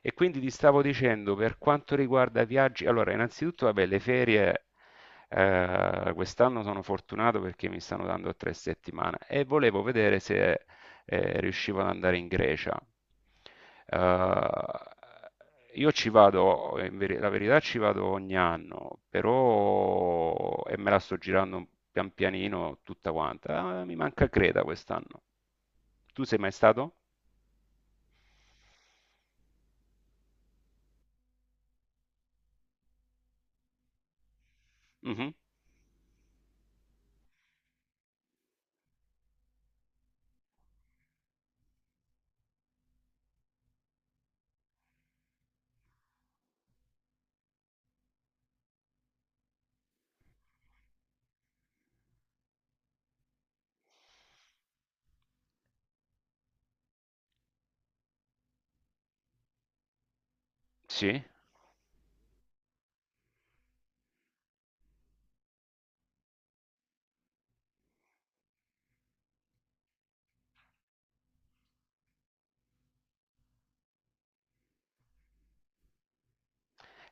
E quindi ti stavo dicendo, per quanto riguarda viaggi, allora innanzitutto vabbè, le ferie quest'anno sono fortunato perché mi stanno dando tre settimane e volevo vedere se riuscivo ad andare in Grecia. Eh, io ci vado, la verità ci vado ogni anno, però e me la sto girando pian pianino tutta quanta. Mi manca Creta quest'anno. Tu sei mai stato? Mhm. Sì.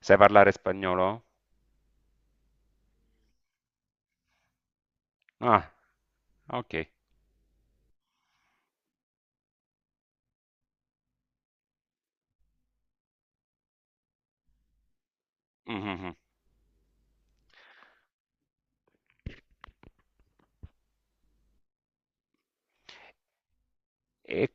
Sai parlare spagnolo? Ah. Ok. Mhm. E,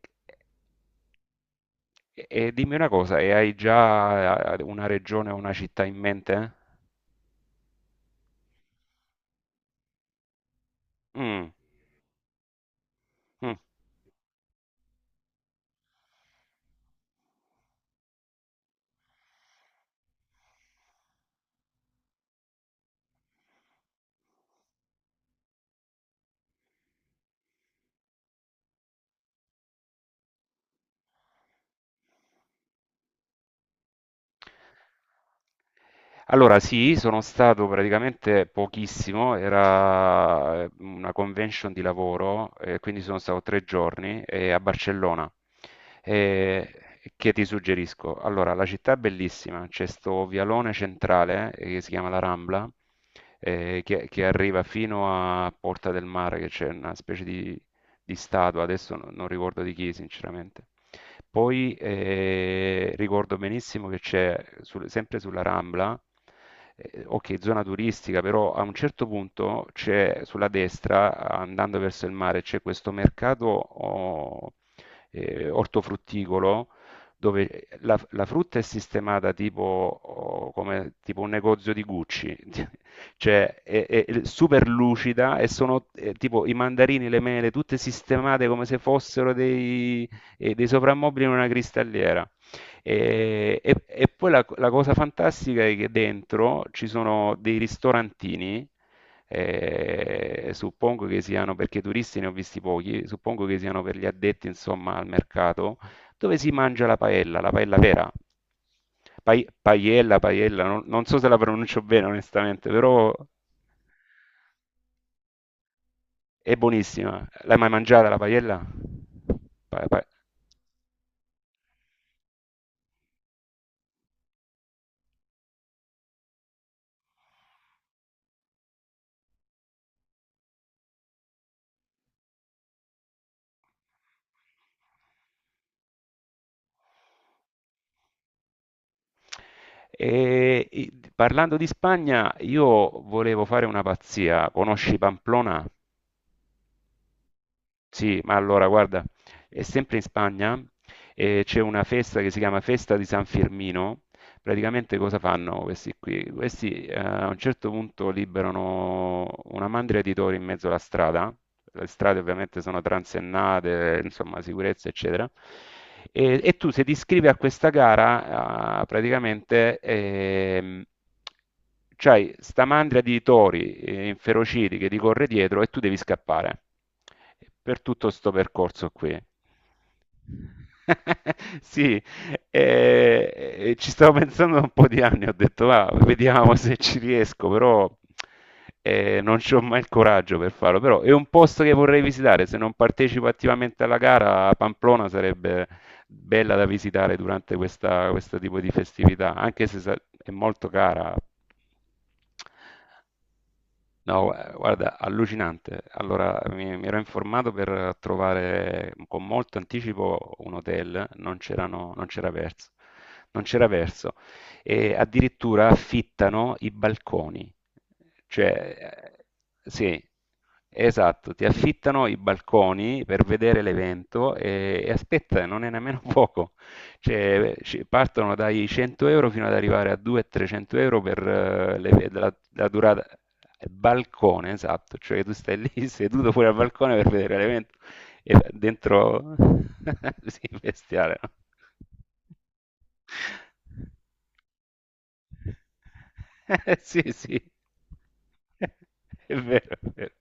e dimmi una cosa, e hai già una regione o una città in mente? Mm. Allora sì, sono stato praticamente pochissimo, era una convention di lavoro, quindi sono stato tre giorni a Barcellona. Eh, che ti suggerisco? Allora, la città è bellissima, c'è sto vialone centrale che si chiama la Rambla, che arriva fino a Porta del Mare, che c'è una specie di statua, adesso non ricordo di chi sinceramente. Poi ricordo benissimo che c'è, sempre sulla Rambla, ok, zona turistica, però a un certo punto c'è sulla destra, andando verso il mare, c'è questo mercato oh, ortofrutticolo dove la frutta è sistemata tipo, oh, come, tipo un negozio di Gucci, cioè è super lucida e sono tipo i mandarini, le mele, tutte sistemate come se fossero dei e dei soprammobili in una cristalliera. E poi la cosa fantastica è che dentro ci sono dei ristorantini, suppongo che siano, perché turisti ne ho visti pochi, suppongo che siano per gli addetti, insomma, al mercato, dove si mangia la paella vera. Paiella, paiella, non so se la pronuncio bene onestamente, però è buonissima. L'hai mai mangiata la paiella? Pa- pa- e, parlando di Spagna, io volevo fare una pazzia. Conosci Pamplona? Sì, ma allora guarda, è sempre in Spagna e c'è una festa che si chiama Festa di San Firmino. Praticamente cosa fanno questi qui? Questi a un certo punto liberano una mandria di tori in mezzo alla strada, le strade ovviamente sono transennate, insomma sicurezza eccetera, e tu se ti iscrivi a questa gara praticamente c'hai sta mandria di tori inferociti che ti corre dietro e tu devi scappare per tutto sto percorso qui. Sì, e, e ci stavo pensando da un po' di anni, ho detto va, vediamo se ci riesco, però non ho mai il coraggio per farlo, però è un posto che vorrei visitare, se non partecipo attivamente alla gara, Pamplona sarebbe bella da visitare durante questa, questo tipo di festività, anche se è molto cara. No, guarda, allucinante. Allora, mi ero informato per trovare con molto anticipo un hotel, non c'erano, non c'era verso, non c'era verso. E addirittura affittano i balconi. Cioè, sì, esatto, ti affittano i balconi per vedere l'evento e aspetta, non è nemmeno poco. Cioè, partono dai 100 euro fino ad arrivare a 200-300 euro per la durata. Balcone, esatto, cioè tu stai lì seduto fuori al balcone per vedere l'evento e dentro... sì, bestiale, no? Sì, sì, è vero, è vero.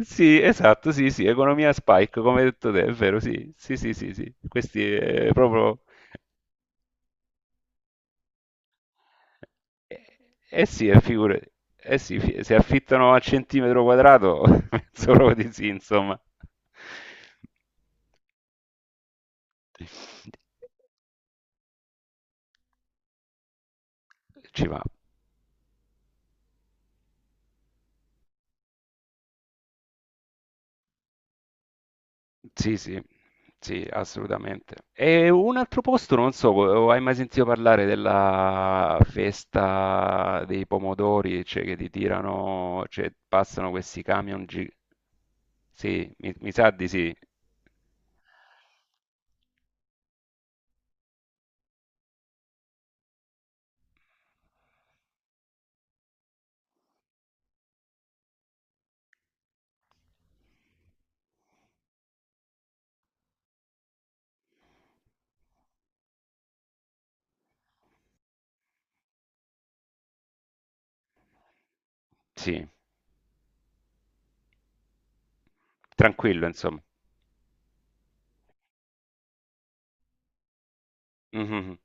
Sì, esatto, sì, sì, economia spike, come hai detto te, è vero, sì, sì, sì, sì, sì. Questi è proprio... Eh, eh sì, figurati. Eh sì, se affittano a centimetro quadrato, penso proprio di sì, insomma. Ci va. Sì, sì, sì, assolutamente. E un altro posto, non so, hai mai sentito parlare della festa dei pomodori, cioè che ti tirano, cioè passano questi camion Sì, mi sa di sì. Sì, tranquillo, insomma. Mhm.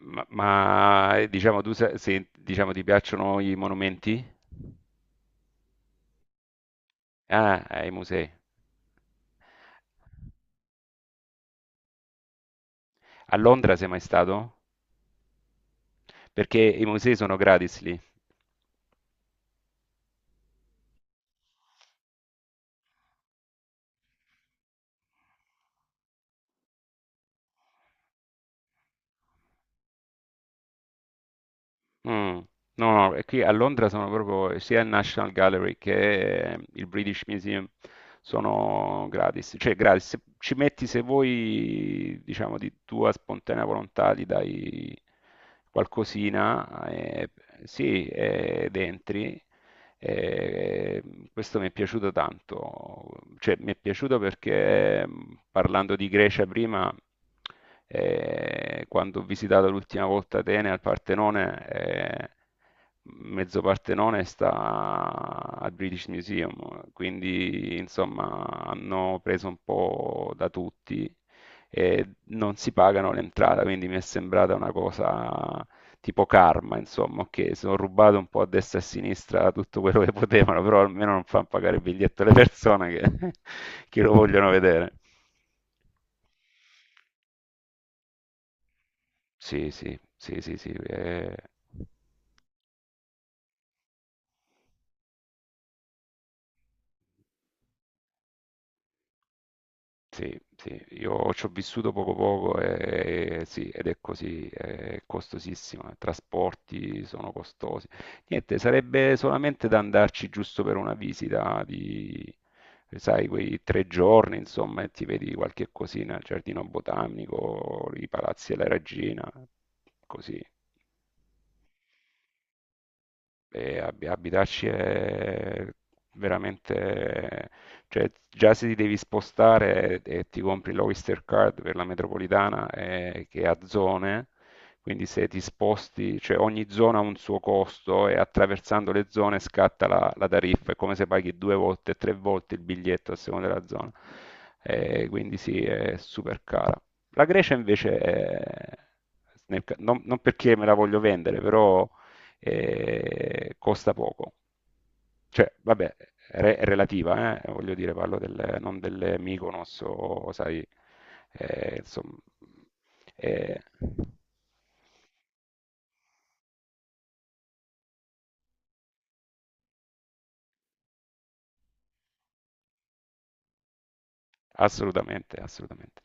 Diciamo, tu se, se, diciamo, ti piacciono i monumenti? Ah, ai musei. A Londra sei mai stato? Perché i musei sono gratis lì. Mm. No, no, e qui a Londra sono proprio sia il National Gallery che il British Museum sono gratis. Cioè, gratis. Se ci metti, se vuoi, diciamo, di tua spontanea volontà, gli dai qualcosina, sì, ed entri. E questo mi è piaciuto tanto, cioè mi è piaciuto perché parlando di Grecia prima, quando ho visitato l'ultima volta Atene al Partenone, mezzo Partenone sta al British Museum, quindi insomma hanno preso un po' da tutti e non si pagano l'entrata, quindi mi è sembrata una cosa tipo Karma, insomma, che sono rubato un po' a destra e a sinistra tutto quello che potevano, però almeno non fanno pagare il biglietto alle persone che, che lo vogliono vedere. Sì, sì, sì, sì, sì. Eh. Sì, sì, io ci ho vissuto poco poco e sì, ed è così, è costosissima, i trasporti sono costosi. Niente, sarebbe solamente da andarci giusto per una visita di, sai, quei tre giorni, insomma, e ti vedi qualche cosina, il giardino botanico, i palazzi della regina, così. E abitarci è veramente, cioè già se ti devi spostare e ti compri l'Oyster Card per la metropolitana che ha zone, quindi se ti sposti, cioè ogni zona ha un suo costo e attraversando le zone scatta la tariffa, è come se paghi due volte, tre volte il biglietto a seconda della zona. Quindi sì, è super cara. La Grecia invece è- nel ca- non, non perché me la voglio vendere, però costa poco. Cioè, vabbè, è relativa, voglio dire, parlo del, non delle Mykonos o, sai, insomma, eh, assolutamente, assolutamente.